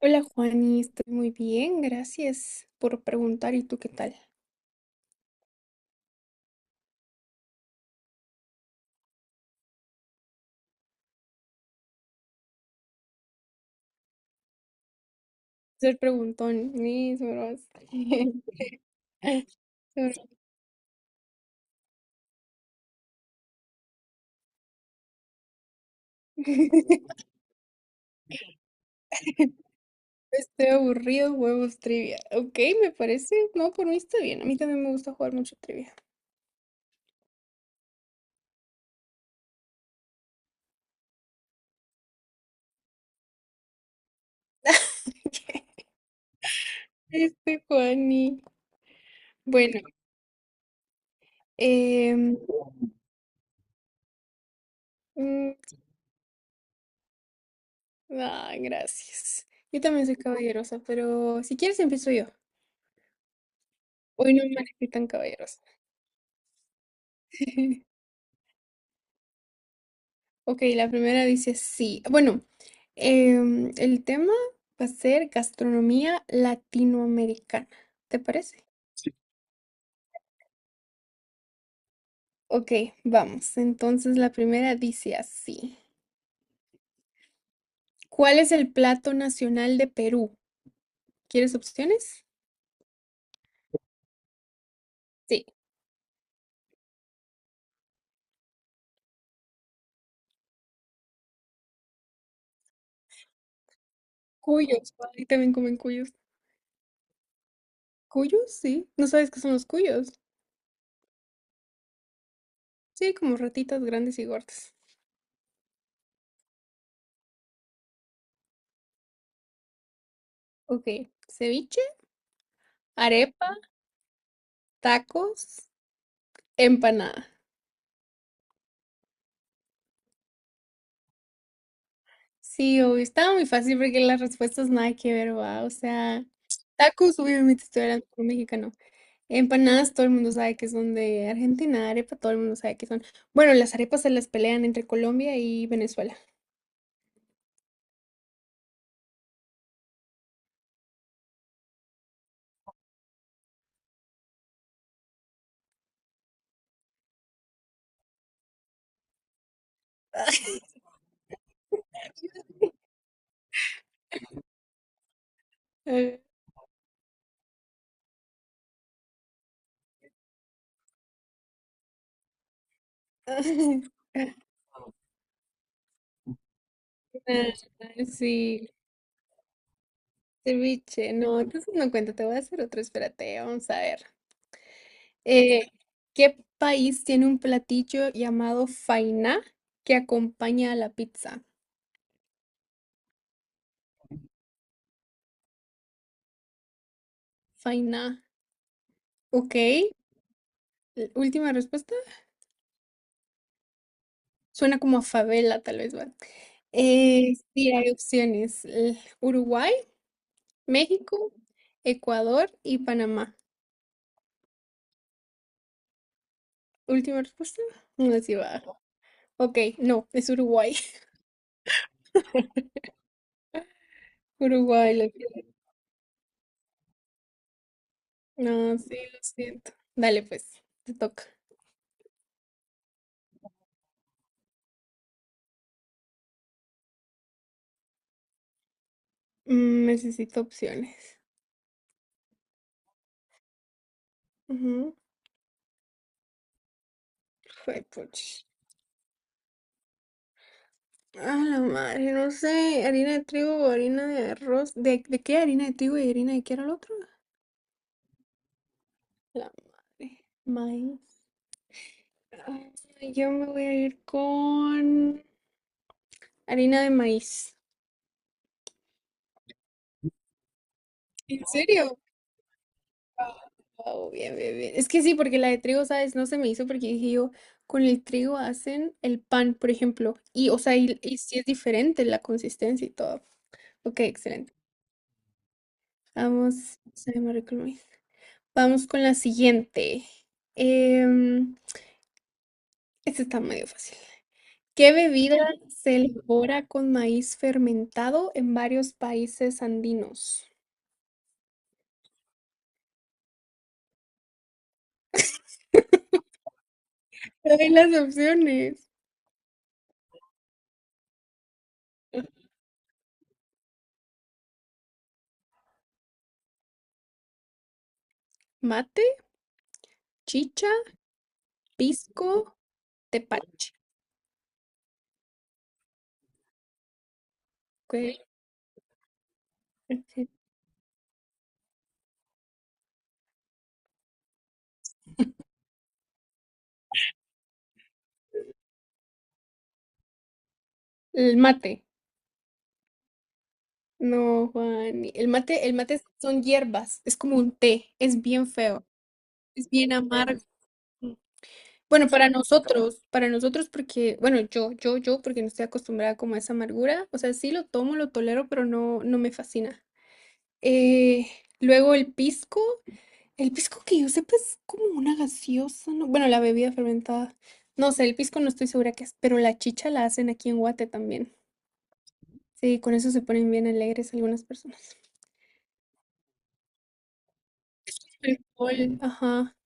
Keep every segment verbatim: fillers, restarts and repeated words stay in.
Hola Juani, estoy muy bien, gracias por preguntar. ¿Y tú qué tal? Ser preguntón, mis bros. Estoy aburrido, huevos trivia. Ok, me parece. No, por mí está bien. A mí también me gusta jugar mucho trivia. Este Juani. Bueno, em, mm, ah, gracias. Yo también soy caballerosa, pero si quieres empiezo yo. Hoy no me elegí tan caballerosa. Ok, la primera dice sí. Bueno, Em, el tema va a ser gastronomía latinoamericana. ¿Te parece? Ok, vamos. Entonces la primera dice así. ¿Cuál es el plato nacional de Perú? ¿Quieres opciones? Sí. Cuyos. Ahí también comen cuyos. ¿Cuyos? Sí. ¿No sabes qué son los cuyos? Sí, como ratitas grandes y gordas. Ok. Ceviche, arepa, tacos, empanada. Sí, obvio, estaba muy fácil porque las respuestas nada que ver, va. O sea, tacos, obviamente estoy hablando por mexicano. Empanadas, todo el mundo sabe que son de Argentina. Arepa, todo el mundo sabe que son. Bueno, las arepas se las pelean entre Colombia y Venezuela. Eh, Ah, sí, ceviche. No, entonces no cuenta. Te voy a hacer otro. Espérate, vamos a ver. Eh, ¿qué país tiene un platillo llamado faina que acompaña a la pizza? Faina. Ok. l- Última respuesta. Suena como a favela, tal vez, ¿va? Eh, sí, hay opciones. l- Uruguay, México, Ecuador y Panamá. Última respuesta. No sé si va. Ok, no, es Uruguay. Uruguay, lo siento. No, sí, lo siento. Dale, pues, te toca. Mm, necesito opciones. Ujú. Fue, puch. A la madre, no sé, harina de trigo o harina de arroz. ¿De, de qué harina de trigo y harina de qué era el otro? La madre. Maíz. Ay, yo me voy a ir con harina de maíz. ¿En serio? Wow, bien, bien, bien. Es que sí, porque la de trigo, ¿sabes? No se me hizo porque dije yo, con el trigo hacen el pan, por ejemplo. Y, o sea, y, y sí es diferente la consistencia y todo. Ok, excelente. Vamos, se me arregló el maíz. Vamos con la siguiente. Em, Este está medio fácil. ¿Qué bebida se elabora con maíz fermentado en varios países andinos? Trae las opciones. Mate, chicha, pisco, tepache. Ok, ok. El mate. No, Juan. El mate, el mate son hierbas. Es como un té. Es bien feo. Es bien amargo. Bueno, para nosotros, para nosotros porque, bueno, yo, yo, yo, porque no estoy acostumbrada como a esa amargura. O sea, sí lo tomo, lo tolero, pero no, no me fascina. Eh, luego el pisco. El pisco que yo sepa es como una gaseosa, ¿no? Bueno, la bebida fermentada. No sé, el pisco no estoy segura qué es, pero la chicha la hacen aquí en Guate también. Sí, con eso se ponen bien alegres algunas personas. Alcohol. Ajá.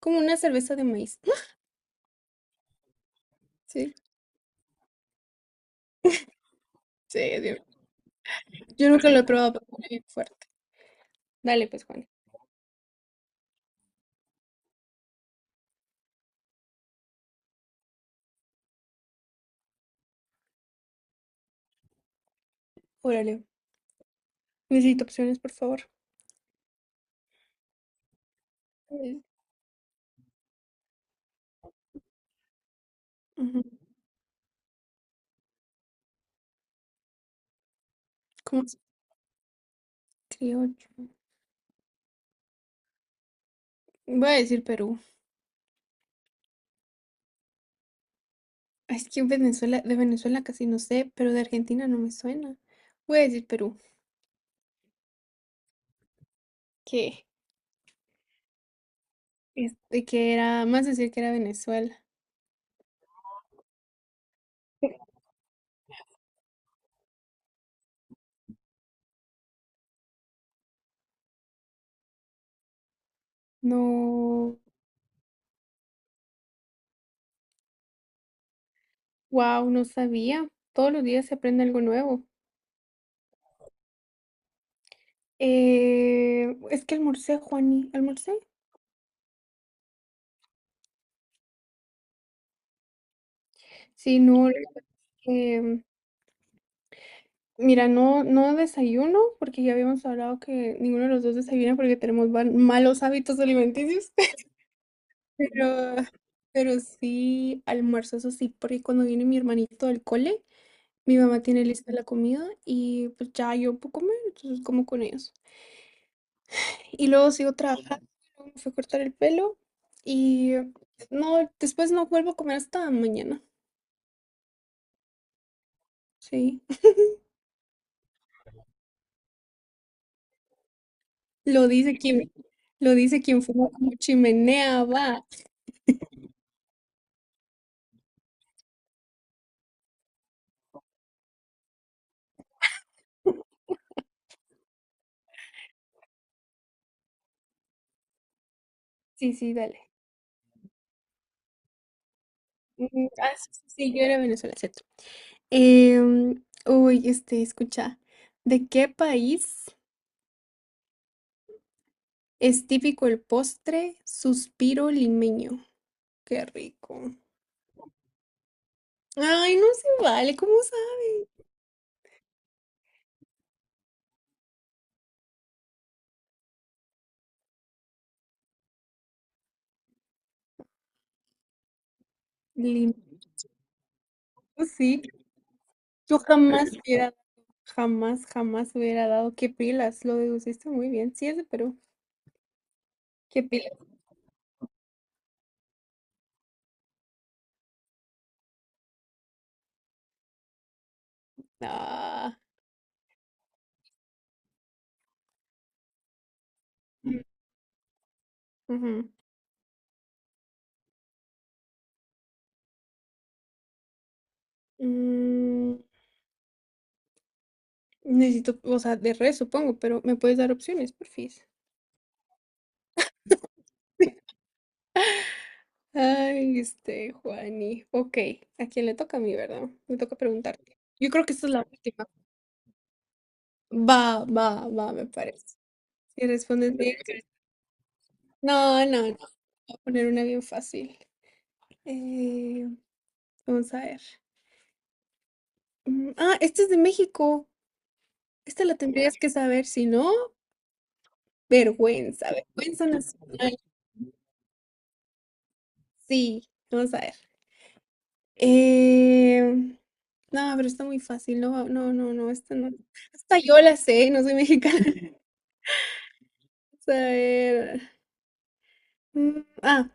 Como una cerveza de maíz. Sí, sí, es bien. Yo nunca lo he probado, pero es bien fuerte. Dale, pues, Juan. Órale. Necesito opciones, por favor. Eh, ujú, ¿Cómo se criollo? Voy a decir Perú. Es que en Venezuela, de Venezuela casi no sé, pero de Argentina no me suena. Voy a decir Perú, que, este, que era, más decir que era Venezuela. No, wow, no sabía. Todos los días se aprende algo nuevo. Eh, es que almorcé, Juani, almorcé. Sí, no, la verdad que, mira, no, no desayuno, porque ya habíamos hablado que ninguno de los dos desayuna porque tenemos val- malos hábitos alimenticios. Pero, pero sí almuerzo, eso sí, porque cuando viene mi hermanito del cole, mi mamá tiene lista la comida y pues ya yo puedo comer, entonces como con ellos. Y luego sigo trabajando, luego me fui a cortar el pelo y no, después no vuelvo a comer hasta mañana, sí. Lo dice quien, lo dice quien fuma como chimenea, va. Sí, sí, dale. Mm, Ah, sí, sí, sí, yo era de Venezuela, cierto. Em, uy, este, escucha, ¿de qué país? Es típico el postre suspiro limeño. Qué rico. Ay, no se vale. ¿Cómo sabe? Lim- Sí, yo jamás hubiera, jamás, jamás hubiera dado. Qué pilas, lo deduciste muy bien. Sí, es de Perú. Qué pilas. Ah. Ujú. Mm, necesito, o sea, de res, supongo, pero me puedes dar opciones, porfis. Ay, este, Juani. Ok, ¿a quién le toca a mí, verdad? Me toca preguntarte. Yo creo que esta es la última. Va, va, va, me parece. Si respondes bien. No, no, no. Voy a poner una bien fácil. Eh, vamos a ver. Mm, Ah, esta es de México. Esta la tendrías que saber, si no, vergüenza, vergüenza nacional. Sí, vamos a ver. Eh, no, pero está muy fácil. No, va- no, no, no, esta no. Hasta yo la sé, no soy mexicana. Vamos a ver. Mm, Ah,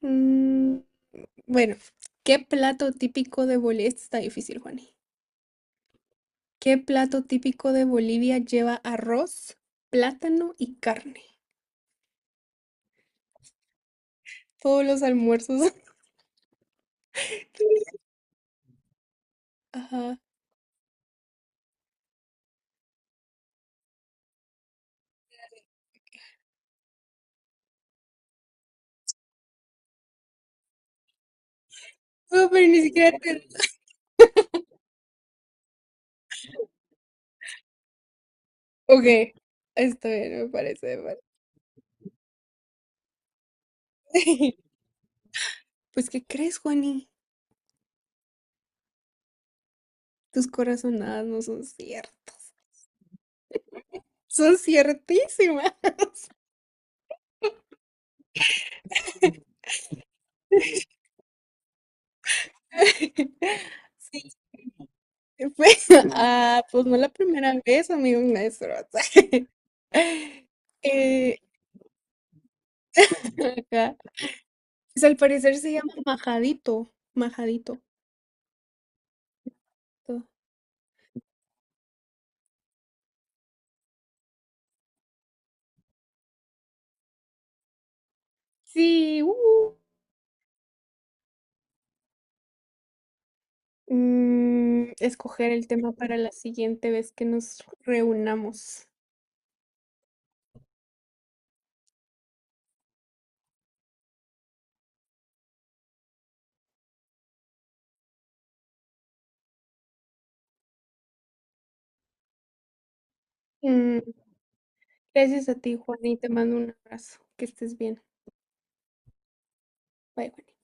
mm, bueno, ¿qué plato típico de Bolivia? Esta está difícil, Juani. ¿Qué plato típico de Bolivia lleva arroz, plátano y carne? Todos los almuerzos. Ajá. No, pero ni siquiera te... Ok, está bien, me parece, me parece. Pues, ¿qué crees, Juani? Tus corazonadas no son ciertas. Son ciertísimas. Sí, pues, ah, pues no la primera vez, amigo maestro. Eh, ajá. Pues al parecer se llama majadito, majadito. Sí, uh, uh. Mm, escoger el tema para la siguiente vez que nos reunamos. Mm, gracias a ti, Juan, y te mando un abrazo. Que estés bien. Bye, bye.